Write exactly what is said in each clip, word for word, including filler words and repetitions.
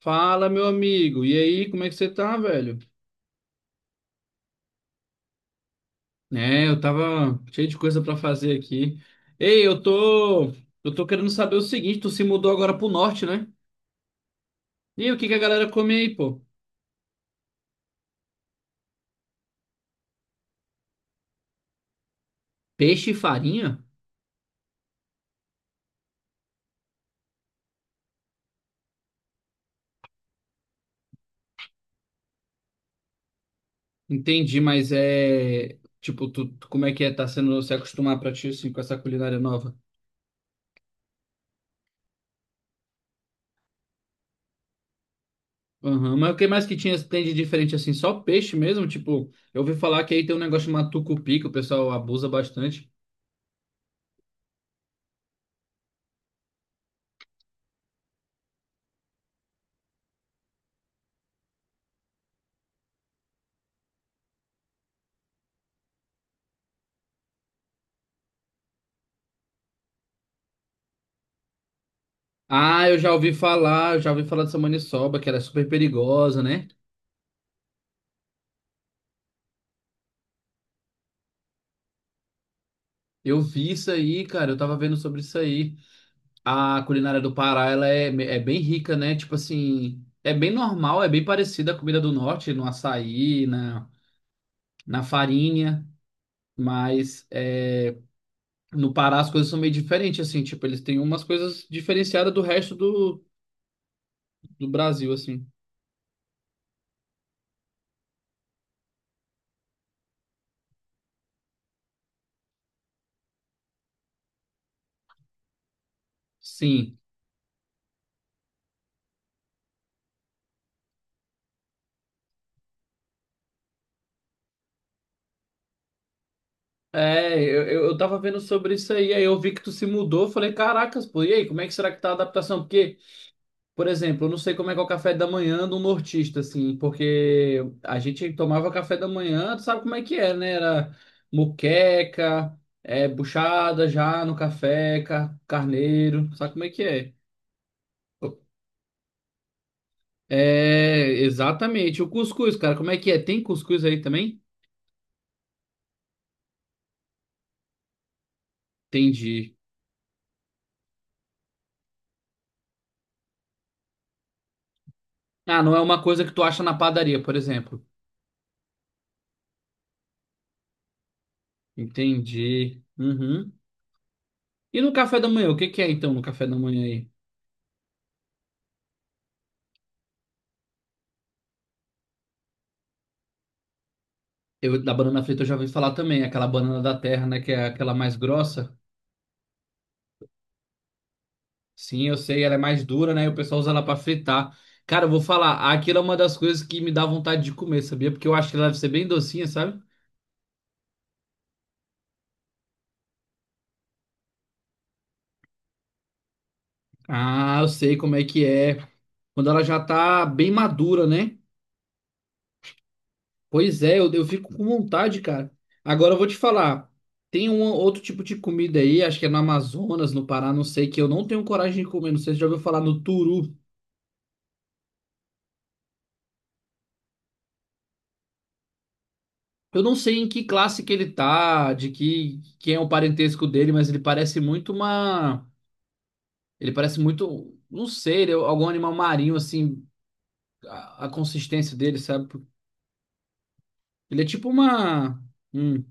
Fala, meu amigo. E aí, como é que você tá, velho? É, eu tava cheio de coisa pra fazer aqui. Ei, eu tô, eu tô querendo saber o seguinte, tu se mudou agora pro norte, né? E aí, o que que a galera come aí, pô? Peixe e farinha? Entendi, mas é, tipo, tu, tu- como é que é tá sendo se acostumar pra ti assim com essa culinária nova? Aham, Mas o que mais que tinha tem de diferente assim? Só peixe mesmo? Tipo, eu ouvi falar que aí tem um negócio chamado tucupi que o pessoal abusa bastante. Ah, eu já ouvi falar, eu já ouvi falar dessa maniçoba, que ela é super perigosa, né? Eu vi isso aí, cara, eu tava vendo sobre isso aí. A culinária do Pará, ela é, é bem rica, né? Tipo assim, é bem normal, é bem parecida à comida do norte, no açaí, na, na farinha, mas é, no Pará as coisas são meio diferentes, assim, tipo, eles têm umas coisas diferenciadas do resto do, do Brasil, assim. Sim. É, eu, eu eu tava vendo sobre isso aí, aí eu vi que tu se mudou, eu falei, caracas, pô, e aí, como é que será que tá a adaptação? Porque, por exemplo, eu não sei como é que é o café da manhã do nortista, assim, porque a gente tomava café da manhã, tu sabe como é que é, né? Era moqueca, é, buchada já no café, ca- carneiro, sabe como é que é? É, exatamente, o cuscuz, cara, como é que é? Tem cuscuz aí também? Entendi. Ah, não é uma coisa que tu acha na padaria, por exemplo. Entendi. Uhum. E no café da manhã, o que que é então no café da manhã aí? Eu, da banana frita eu já ouvi falar também, aquela banana da terra, né, que é aquela mais grossa. Sim, eu sei, ela é mais dura, né, e o pessoal usa ela pra fritar. Cara, eu vou falar, aquilo é uma das coisas que me dá vontade de comer, sabia? Porque eu acho que ela deve ser bem docinha, sabe? Ah, eu sei como é que é. Quando ela já tá bem madura, né? Pois é, eu, eu fico com vontade, cara. Agora eu vou te falar, tem um outro tipo de comida aí, acho que é no Amazonas, no Pará, não sei, que eu não tenho coragem de comer, não sei se você já ouviu falar no turu. Eu não sei em que classe que ele tá, de que quem é o parentesco dele, mas ele parece muito uma, ele parece muito, não sei, ele é algum animal marinho assim, a, a consistência dele, sabe? Ele é tipo uma, hum,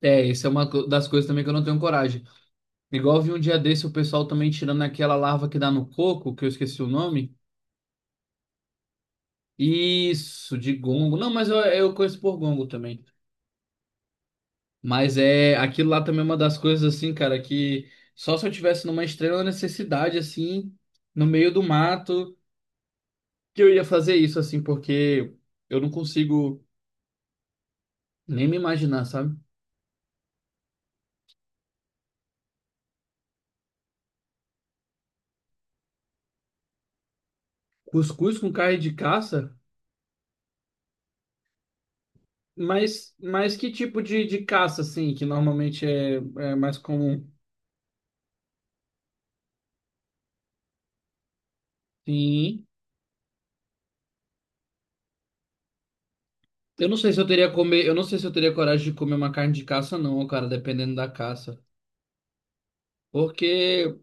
é, isso é uma co- das coisas também que eu não tenho coragem. Igual eu vi um dia desse o pessoal também tirando aquela larva que dá no coco, que eu esqueci o nome. Isso, de gongo. Não, mas eu, eu conheço por gongo também. Mas é aquilo lá também é uma das coisas assim, cara, que só se eu tivesse numa extrema necessidade assim, no meio do mato, que eu ia fazer isso assim, porque eu não consigo nem me imaginar, sabe? Cuscuz com carne de caça, mas mas que tipo de, de caça assim, que normalmente é, é mais comum? Sim. Eu não sei se eu teria comer, eu não sei se eu teria coragem de comer uma carne de caça não, cara, dependendo da caça. Porque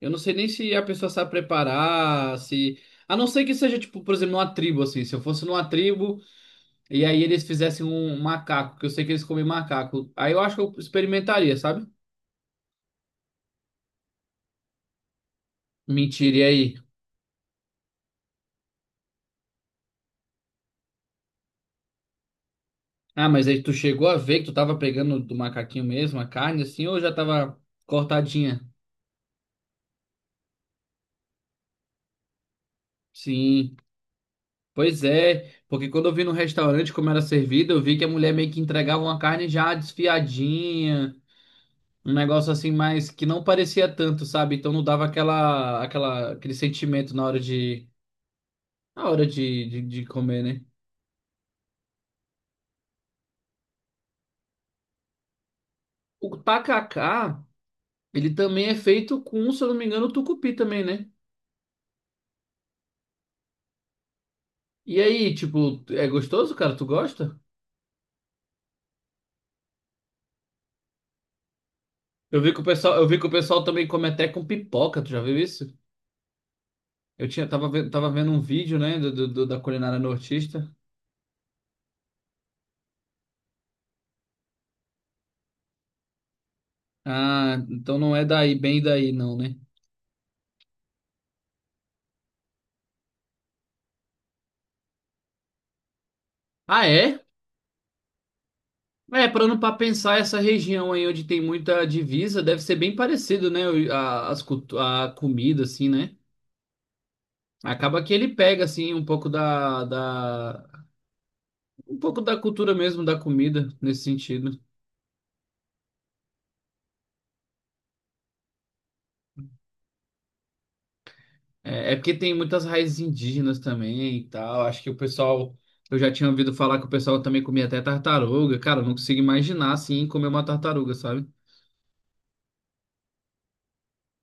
Eu não sei nem se a pessoa sabe preparar, se. A não ser que seja, tipo, por exemplo, numa tribo, assim. Se eu fosse numa tribo e aí eles fizessem um macaco, que eu sei que eles comem macaco. Aí eu acho que eu experimentaria, sabe? Mentira, e aí? Ah, mas aí tu chegou a ver que tu tava pegando do macaquinho mesmo a carne, assim, ou já tava cortadinha? Sim. Pois é, porque quando eu vi no restaurante como era servido, eu vi que a mulher meio que entregava uma carne já desfiadinha. Um negócio assim, mais que não parecia tanto, sabe? Então não dava aquela, aquela, aquele sentimento na hora de, na hora de, de, de comer, né? O tacacá, ele também é feito com, se eu não me engano, tucupi também, né? E aí, tipo, é gostoso, cara? Tu gosta? Eu vi que o pessoal, eu vi que o pessoal também come até com pipoca, tu já viu isso? Eu tinha, tava vendo, tava vendo um vídeo, né, do, do- do- da culinária nortista. Ah, então não é daí, bem daí, não, né? Ah, é? É, parando para pensar, essa região aí onde tem muita divisa deve ser bem parecido, né? o- A, as cultu- a comida, assim, né? Acaba que ele pega, assim, um pouco da, da, um pouco da cultura mesmo da comida, nesse sentido. É, é porque tem muitas raízes indígenas também e tal. Acho que o pessoal, eu já tinha ouvido falar que o pessoal também comia até tartaruga. Cara, eu não consigo imaginar, assim, comer uma tartaruga, sabe?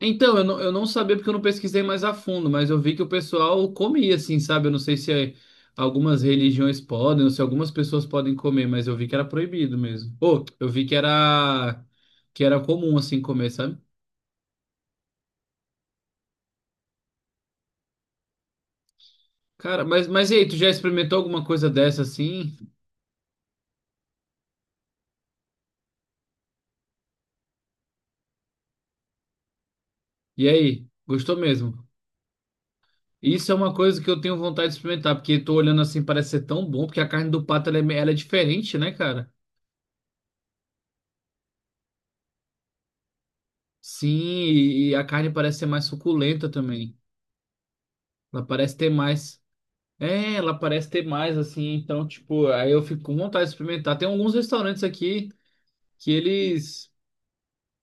Então, eu não, eu não sabia porque eu não pesquisei mais a fundo, mas eu vi que o pessoal comia, assim, sabe? Eu não sei se é- algumas religiões podem, ou se algumas pessoas podem comer, mas eu vi que era proibido mesmo. Ou, eu vi que era que era comum, assim, comer, sabe? Cara, mas, mas e aí, tu já experimentou alguma coisa dessa, assim? E aí, gostou mesmo? Isso é uma coisa que eu tenho vontade de experimentar, porque tô olhando assim, parece ser tão bom, porque a carne do pato, ela é, me- ela é diferente, né, cara? Sim, e e a carne parece ser mais suculenta também. Ela parece ter mais. É, ela parece ter mais, assim, então, tipo, aí eu fico com vontade de experimentar. Tem alguns restaurantes aqui que eles,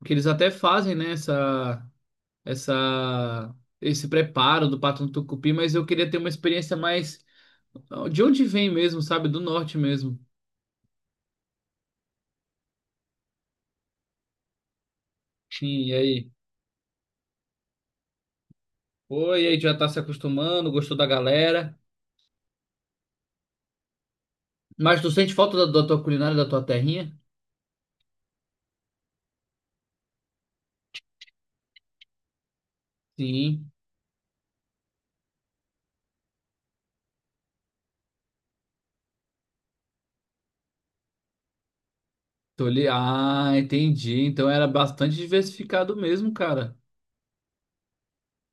que eles até fazem, né, essa, essa, esse preparo do pato no tucupi, mas eu queria ter uma experiência mais, de onde vem mesmo, sabe, do norte mesmo. Sim, e aí? Oi, e aí, já tá se acostumando, gostou da galera, mas tu sente falta da, da tua culinária, da tua terrinha? Sim, tô ali, ah, entendi, então era bastante diversificado mesmo, cara.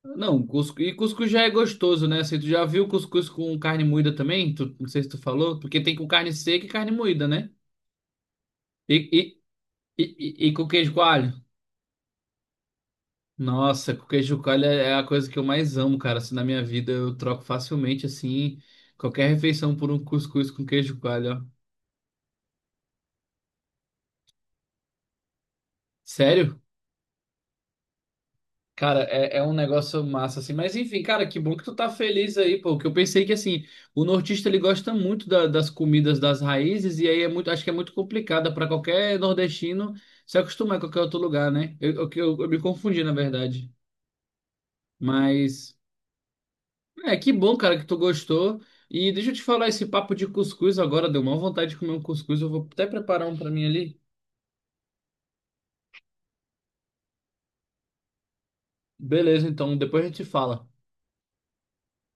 Não, cuscuz, e cuscuz já é gostoso, né? Assim, tu já viu cuscuz com carne moída também? Tu, não sei se tu falou, porque tem com carne seca e carne moída, né? E, e, e, e e com queijo coalho? Nossa, com queijo coalho é é a coisa que eu mais amo, cara. Assim, na minha vida eu troco facilmente, assim, qualquer refeição por um cuscuz com queijo coalho, ó. Sério? Cara, é, é um negócio massa, assim. Mas enfim, cara, que bom que tu tá feliz aí, pô. Que eu pensei que, assim, o nortista ele gosta muito da- das comidas das raízes, e aí é muito, acho que é muito complicada pra qualquer nordestino se acostumar em qualquer outro lugar, né? Eu, eu, que eu, eu me confundi, na verdade. Mas é que bom, cara, que tu gostou. E deixa eu te falar, esse papo de cuscuz agora deu uma vontade de comer um cuscuz. Eu vou até preparar um pra mim ali. Beleza, então depois a gente fala.